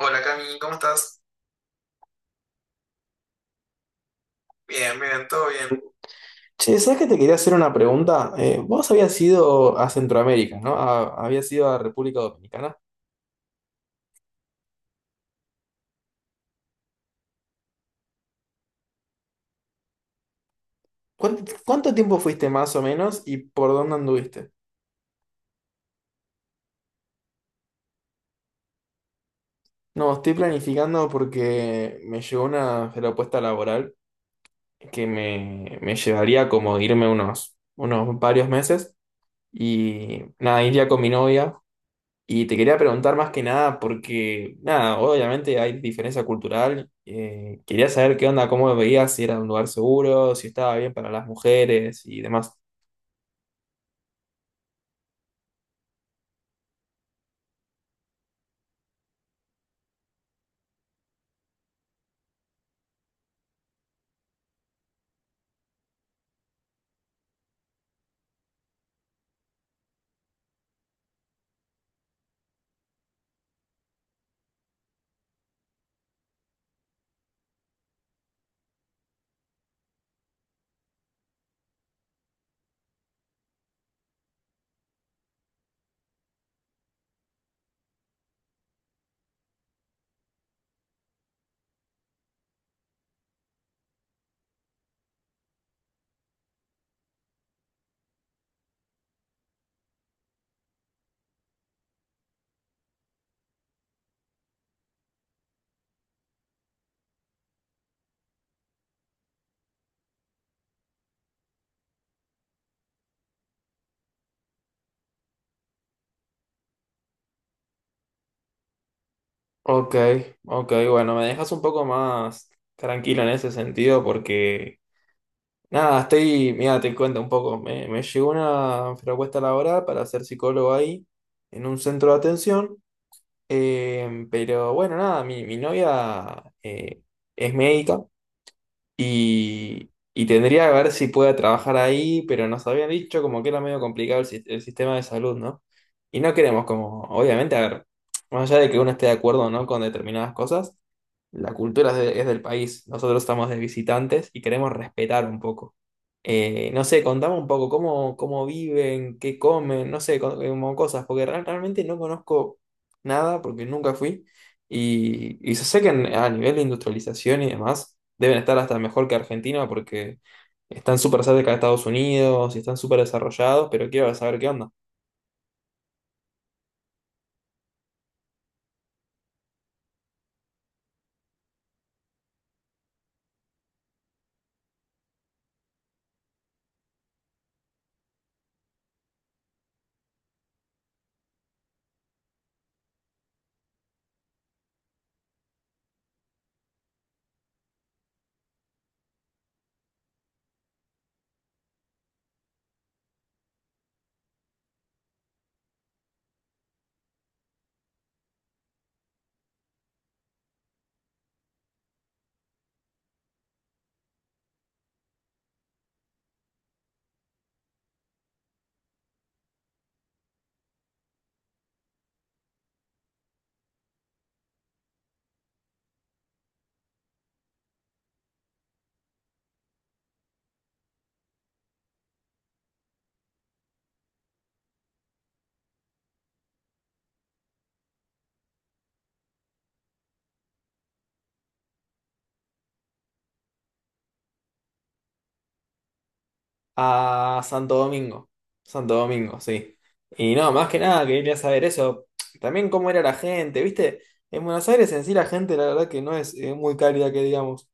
Hola Cami, ¿cómo estás? Bien, bien, todo bien. Che, ¿sabes que te quería hacer una pregunta? Vos habías ido a Centroamérica, ¿no? Habías ido a República Dominicana. ¿Cuánto tiempo fuiste más o menos y por dónde anduviste? No, estoy planificando porque me llegó una propuesta laboral que me llevaría como irme unos varios meses y nada, iría con mi novia. Y te quería preguntar más que nada porque, nada, obviamente hay diferencia cultural. Quería saber qué onda, cómo veías, si era un lugar seguro, si estaba bien para las mujeres y demás. Ok, ok, bueno, me dejas un poco más tranquilo en ese sentido porque, nada, estoy, mira, te cuento un poco, me llegó una propuesta laboral para ser psicólogo ahí, en un centro de atención, pero bueno, nada, mi novia es médica. Y tendría que ver si pueda trabajar ahí, pero nos habían dicho como que era medio complicado el sistema de salud, ¿no? Y no queremos como, obviamente, a ver, más allá de que uno esté de acuerdo o no con determinadas cosas, la cultura es del país, nosotros estamos de visitantes y queremos respetar un poco. No sé, contame un poco cómo, cómo viven, qué comen, no sé, como cosas, porque realmente no conozco nada porque nunca fui. Y yo sé que a nivel de industrialización y demás, deben estar hasta mejor que Argentina porque están súper cerca de Estados Unidos y están súper desarrollados, pero quiero saber qué onda. A Santo Domingo. Santo Domingo, sí. Y no, más que nada quería saber eso. También cómo era la gente, ¿viste? En Buenos Aires en sí la gente, la verdad que no es, muy cálida que digamos.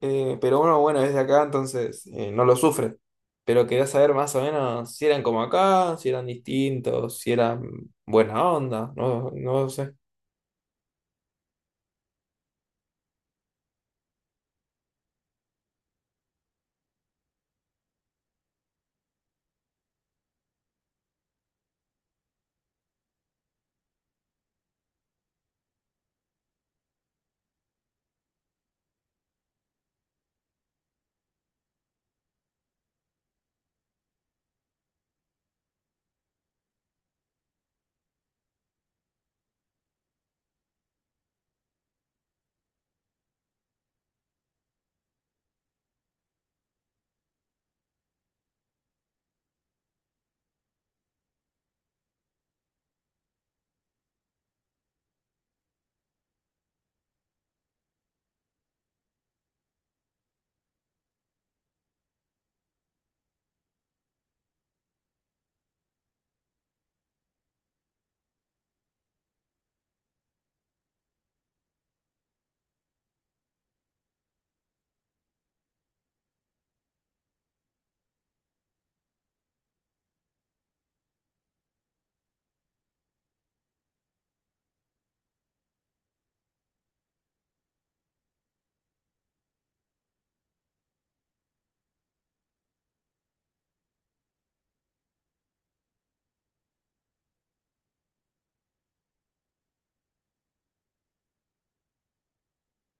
Pero bueno, es de acá, entonces no lo sufren. Pero quería saber más o menos si eran como acá, si eran distintos, si eran buena onda, no, no sé.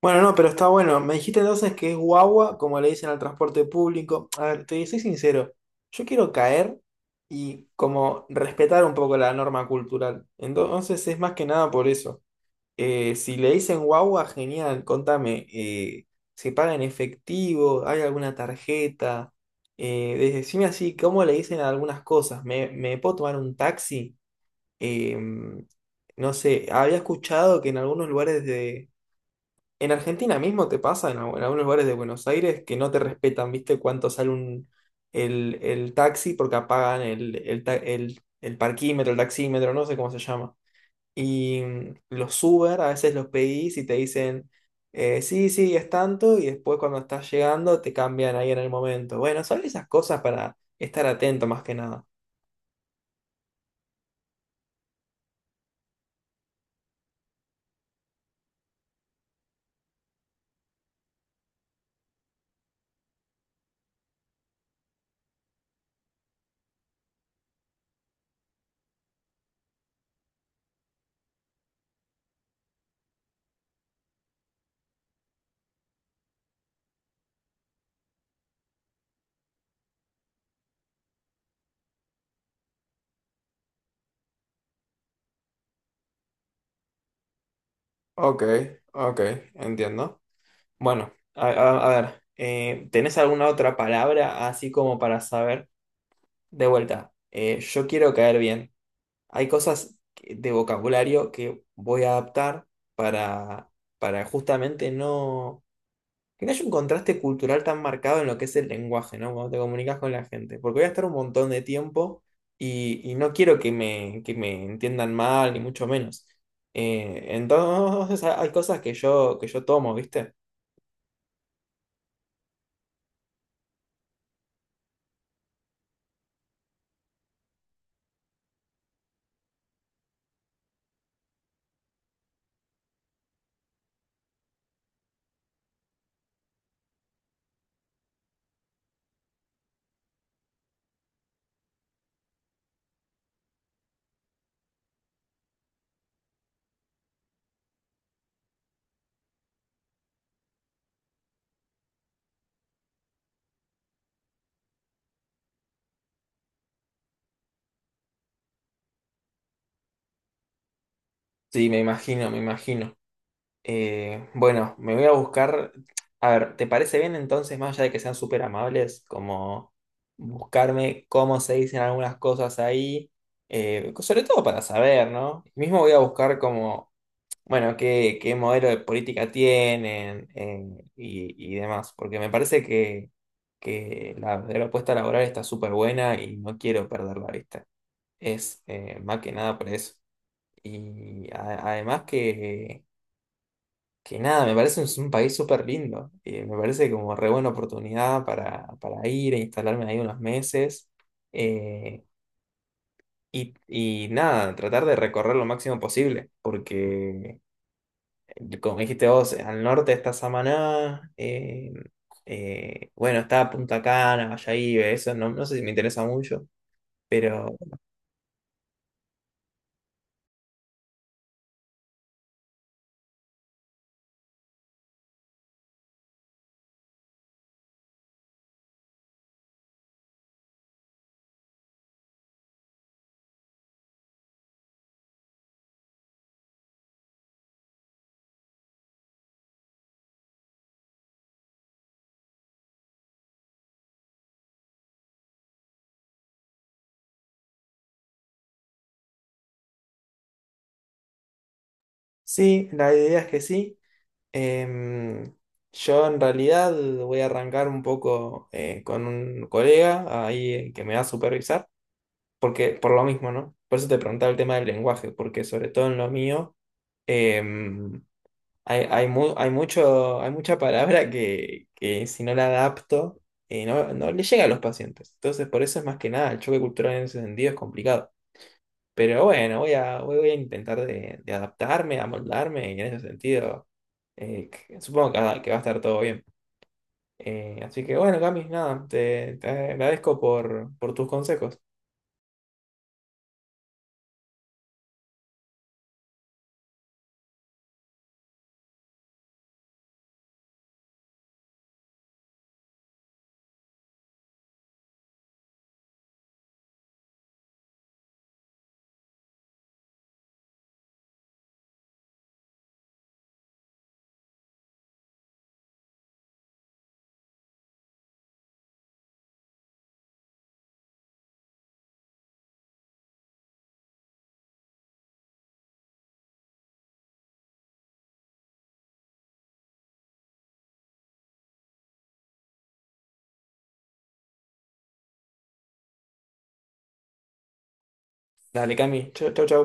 Bueno, no, pero está bueno. Me dijiste entonces que es guagua, como le dicen al transporte público. A ver, te soy sincero, yo quiero caer y como respetar un poco la norma cultural. Entonces es más que nada por eso. Si le dicen guagua, genial, contame, ¿se paga en efectivo? ¿Hay alguna tarjeta? Decime así, ¿cómo le dicen a algunas cosas? ¿ Me puedo tomar un taxi? Em, no sé, había escuchado que en algunos lugares de... En Argentina mismo te pasa, en algunos lugares de Buenos Aires, que no te respetan, ¿viste? Cuánto sale el taxi porque apagan el parquímetro, el taxímetro, no sé cómo se llama. Y los Uber a veces los pedís y te dicen, sí, sí, es tanto, y después cuando estás llegando te cambian ahí en el momento. Bueno, son esas cosas para estar atento más que nada. Ok, ok, entiendo. Bueno, a ver, ¿tenés alguna otra palabra así como para saber? De vuelta, yo quiero caer bien. Hay cosas de vocabulario que voy a adaptar para, para justamente no. Que no haya un contraste cultural tan marcado en lo que es el lenguaje, ¿no? Cuando te comunicas con la gente. Porque voy a estar un montón de tiempo y no quiero que que me entiendan mal, ni mucho menos. Entonces hay cosas que que yo tomo, ¿viste? Sí, me imagino, me imagino. Bueno, me voy a buscar. A ver, ¿te parece bien entonces, más allá de que sean súper amables, como buscarme cómo se dicen algunas cosas ahí? Sobre todo para saber, ¿no? Mismo voy a buscar como bueno, qué modelo de política tienen y demás, porque me parece que la verdadera propuesta laboral está súper buena y no quiero perder la vista. Es más que nada por eso. Y además que nada, me parece un país súper lindo. Y me parece como re buena oportunidad para ir e instalarme ahí unos meses. Eh, y nada, tratar de recorrer lo máximo posible, porque... como dijiste vos, al norte está Samaná, bueno, está Punta Cana, Bayahíbe, eso no, no sé si me interesa mucho, pero sí, la idea es que sí. Em, yo en realidad voy a arrancar un poco con un colega ahí que me va a supervisar, porque por lo mismo, ¿no? Por eso te preguntaba el tema del lenguaje, porque sobre todo en lo mío em, hay mucho, hay mucha palabra que si no la adapto, no, no le llega a los pacientes. Entonces, por eso es más que nada, el choque cultural en ese sentido es complicado. Pero bueno, voy a intentar de adaptarme, amoldarme, y en ese sentido, supongo que va, que va a estar todo bien. Así que bueno, Cami, nada, te agradezco por tus consejos. Dale, Cami, chau, chau, chau.